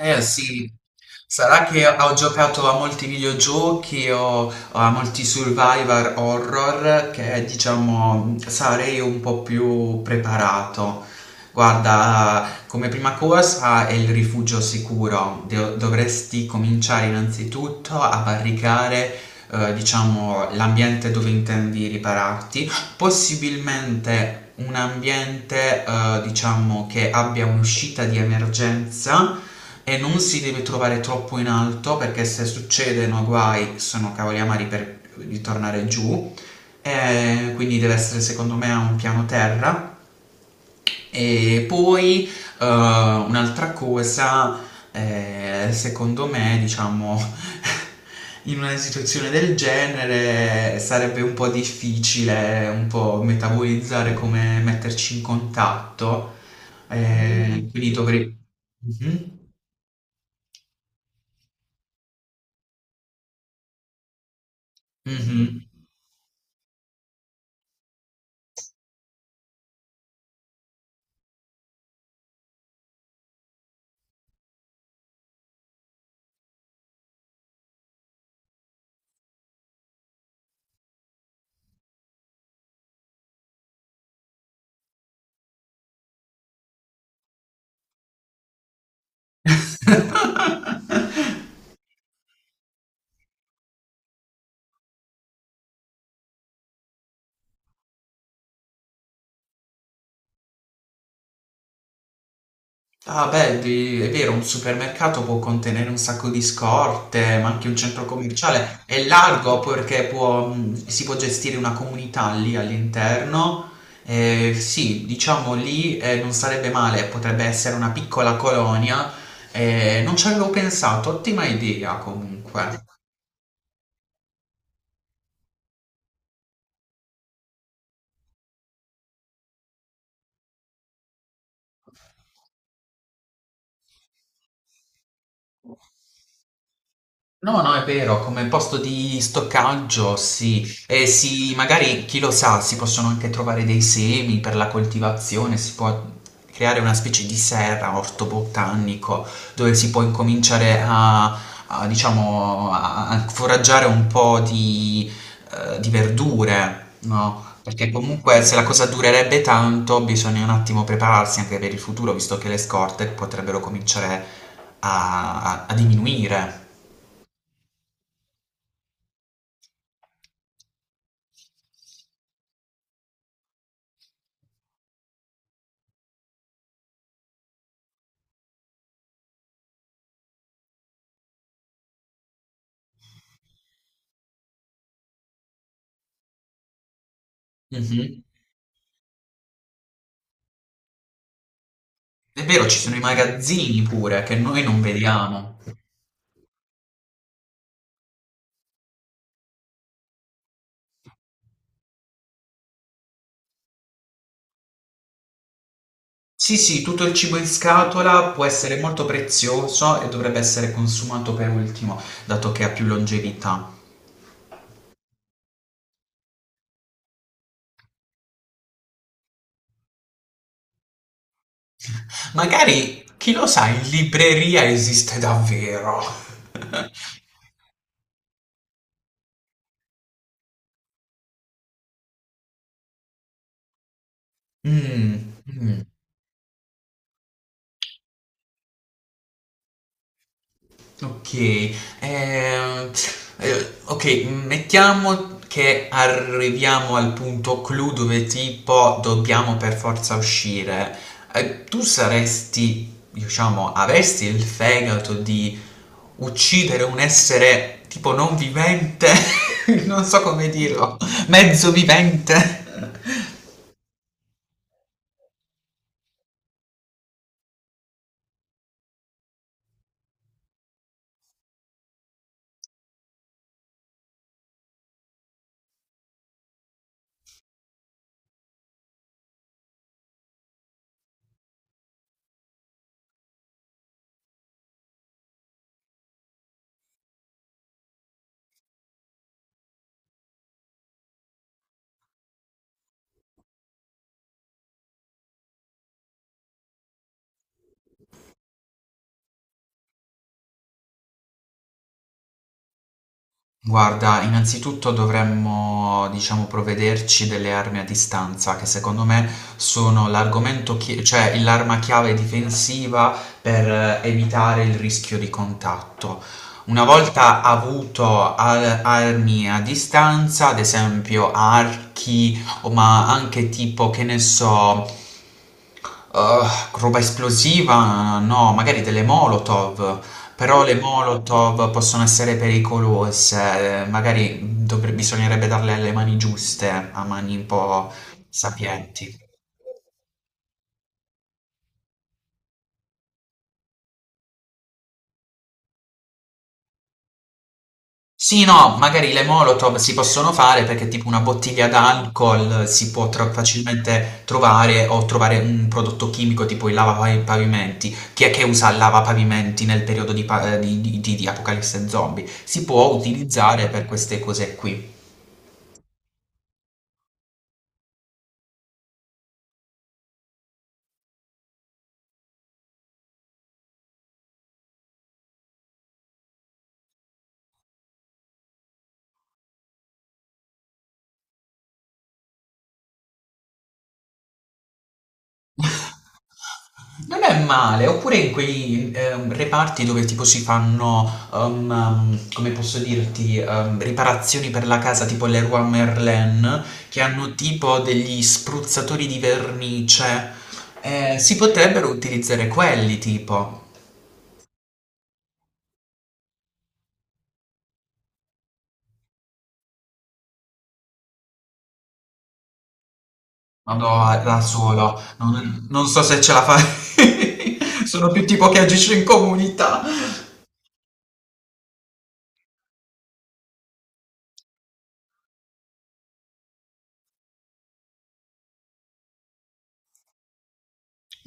Eh sì, sarà che ho giocato a molti videogiochi o a molti survivor horror che diciamo sarei un po' più preparato. Guarda, come prima cosa è il rifugio sicuro. Dovresti cominciare innanzitutto a barricare diciamo l'ambiente dove intendi ripararti. Possibilmente un ambiente, diciamo, che abbia un'uscita di emergenza e non si deve trovare troppo in alto perché se succedono guai sono cavoli amari per ritornare giù. E quindi deve essere secondo me a un piano terra e poi un'altra cosa, secondo me, diciamo, in una situazione del genere sarebbe un po' difficile un po' metabolizzare come metterci in contatto. Quindi dovrei... Mhm, mhm. Ah beh, è vero, un supermercato può contenere un sacco di scorte, ma anche un centro commerciale. È largo perché può, si può gestire una comunità lì all'interno. Sì, diciamo lì non sarebbe male, potrebbe essere una piccola colonia. Non ci avevo pensato, ottima idea comunque. No, no, è vero, come posto di stoccaggio, sì. E sì, magari, chi lo sa, si possono anche trovare dei semi per la coltivazione, si può creare una specie di serra, orto botanico, dove si può incominciare diciamo, a foraggiare un po' di verdure, no? Perché comunque se la cosa durerebbe tanto, bisogna un attimo prepararsi anche per il futuro, visto che le scorte potrebbero cominciare a diminuire. Mhm. È vero, ci sono i magazzini pure che noi non vediamo. Sì, sì, tutto il cibo in scatola può essere molto prezioso e dovrebbe essere consumato per ultimo, dato che ha più longevità. Magari, chi lo sa, in libreria esiste davvero. Mm. Ok, ehm, ok, mettiamo che arriviamo al punto clou dove tipo dobbiamo per forza uscire. Tu saresti, diciamo, avresti il fegato di uccidere un essere tipo non vivente, non so come dirlo, mezzo vivente. Guarda, innanzitutto dovremmo, diciamo, provvederci delle armi a distanza, che secondo me sono cioè l'arma chiave difensiva per evitare il rischio di contatto. Una volta avuto armi a distanza, ad esempio archi, o ma anche tipo, che ne so, Uh, roba esplosiva, no, magari delle Molotov, però le Molotov possono essere pericolose, magari bisognerebbe darle le mani giuste, a mani un po' sapienti. Sì, no, magari le Molotov si possono fare perché tipo una bottiglia d'alcol si può facilmente trovare o trovare un prodotto chimico tipo il lavapavimenti. Chi è che usa il lavapavimenti nel periodo di, di Apocalisse zombie? Si può utilizzare per queste cose qui. Non è male, oppure in quei reparti dove tipo si fanno, come posso dirti, riparazioni per la casa, tipo Leroy Merlin, che hanno tipo degli spruzzatori di vernice. Si potrebbero utilizzare quelli tipo. Vado da solo, non so se ce la fa. Sono più tipo che agisce in comunità.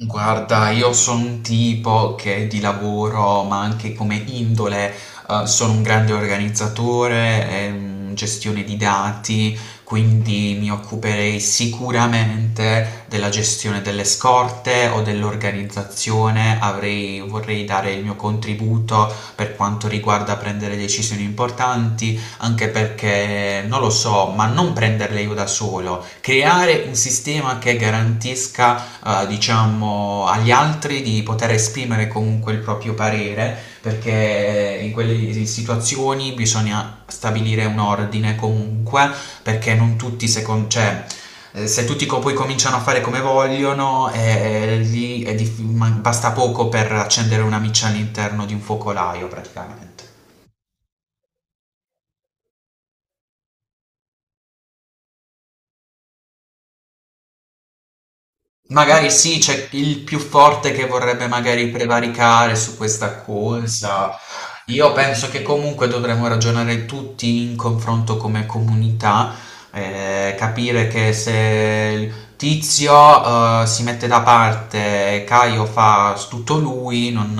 Guarda, io sono un tipo che di lavoro, ma anche come indole, sono un grande organizzatore, gestione di dati, quindi mi occuperei sicuramente della gestione delle scorte o dell'organizzazione. Avrei, vorrei dare il mio contributo per quanto riguarda prendere decisioni importanti, anche perché non lo so, ma non prenderle io da solo, creare un sistema che garantisca diciamo, agli altri di poter esprimere comunque il proprio parere, perché in quelle situazioni bisogna stabilire un ordine comunque, perché non tutti secondo... Cioè, se tutti poi cominciano a fare come vogliono, lì è basta poco per accendere una miccia all'interno di un focolaio praticamente. Magari sì, c'è il più forte che vorrebbe magari prevaricare su questa cosa. Io penso che comunque dovremmo ragionare tutti in confronto come comunità, capire che se il Tizio, si mette da parte e Caio fa tutto lui,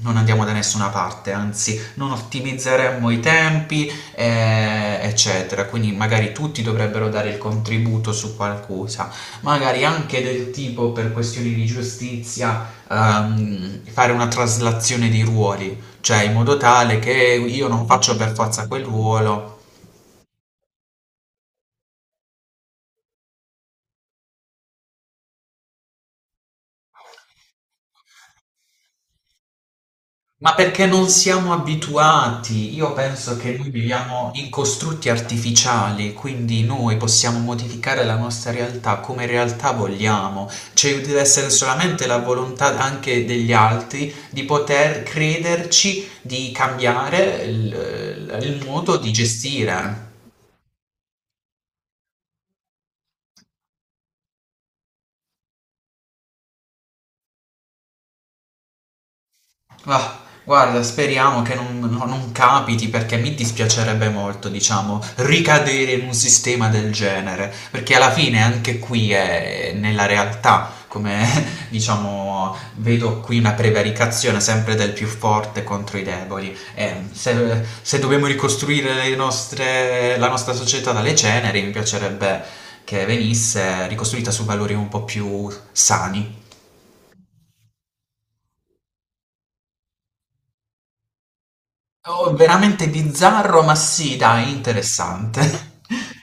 non andiamo da nessuna parte, anzi non ottimizzeremmo i tempi, eccetera. Quindi magari tutti dovrebbero dare il contributo su qualcosa magari anche del tipo per questioni di giustizia, fare una traslazione di ruoli, cioè in modo tale che io non faccio per forza quel ruolo. Ma perché non siamo abituati? Io penso che noi viviamo in costrutti artificiali, quindi noi possiamo modificare la nostra realtà come realtà vogliamo. Ci deve essere solamente la volontà anche degli altri di poter crederci, di cambiare il modo di gestire. Ah, guarda, speriamo che non capiti perché mi dispiacerebbe molto, diciamo, ricadere in un sistema del genere, perché alla fine anche qui è nella realtà, come diciamo, vedo qui una prevaricazione sempre del più forte contro i deboli. E se dobbiamo ricostruire la nostra società dalle ceneri, mi piacerebbe che venisse ricostruita su valori un po' più sani. Oh, veramente bizzarro, ma sì, dai, interessante.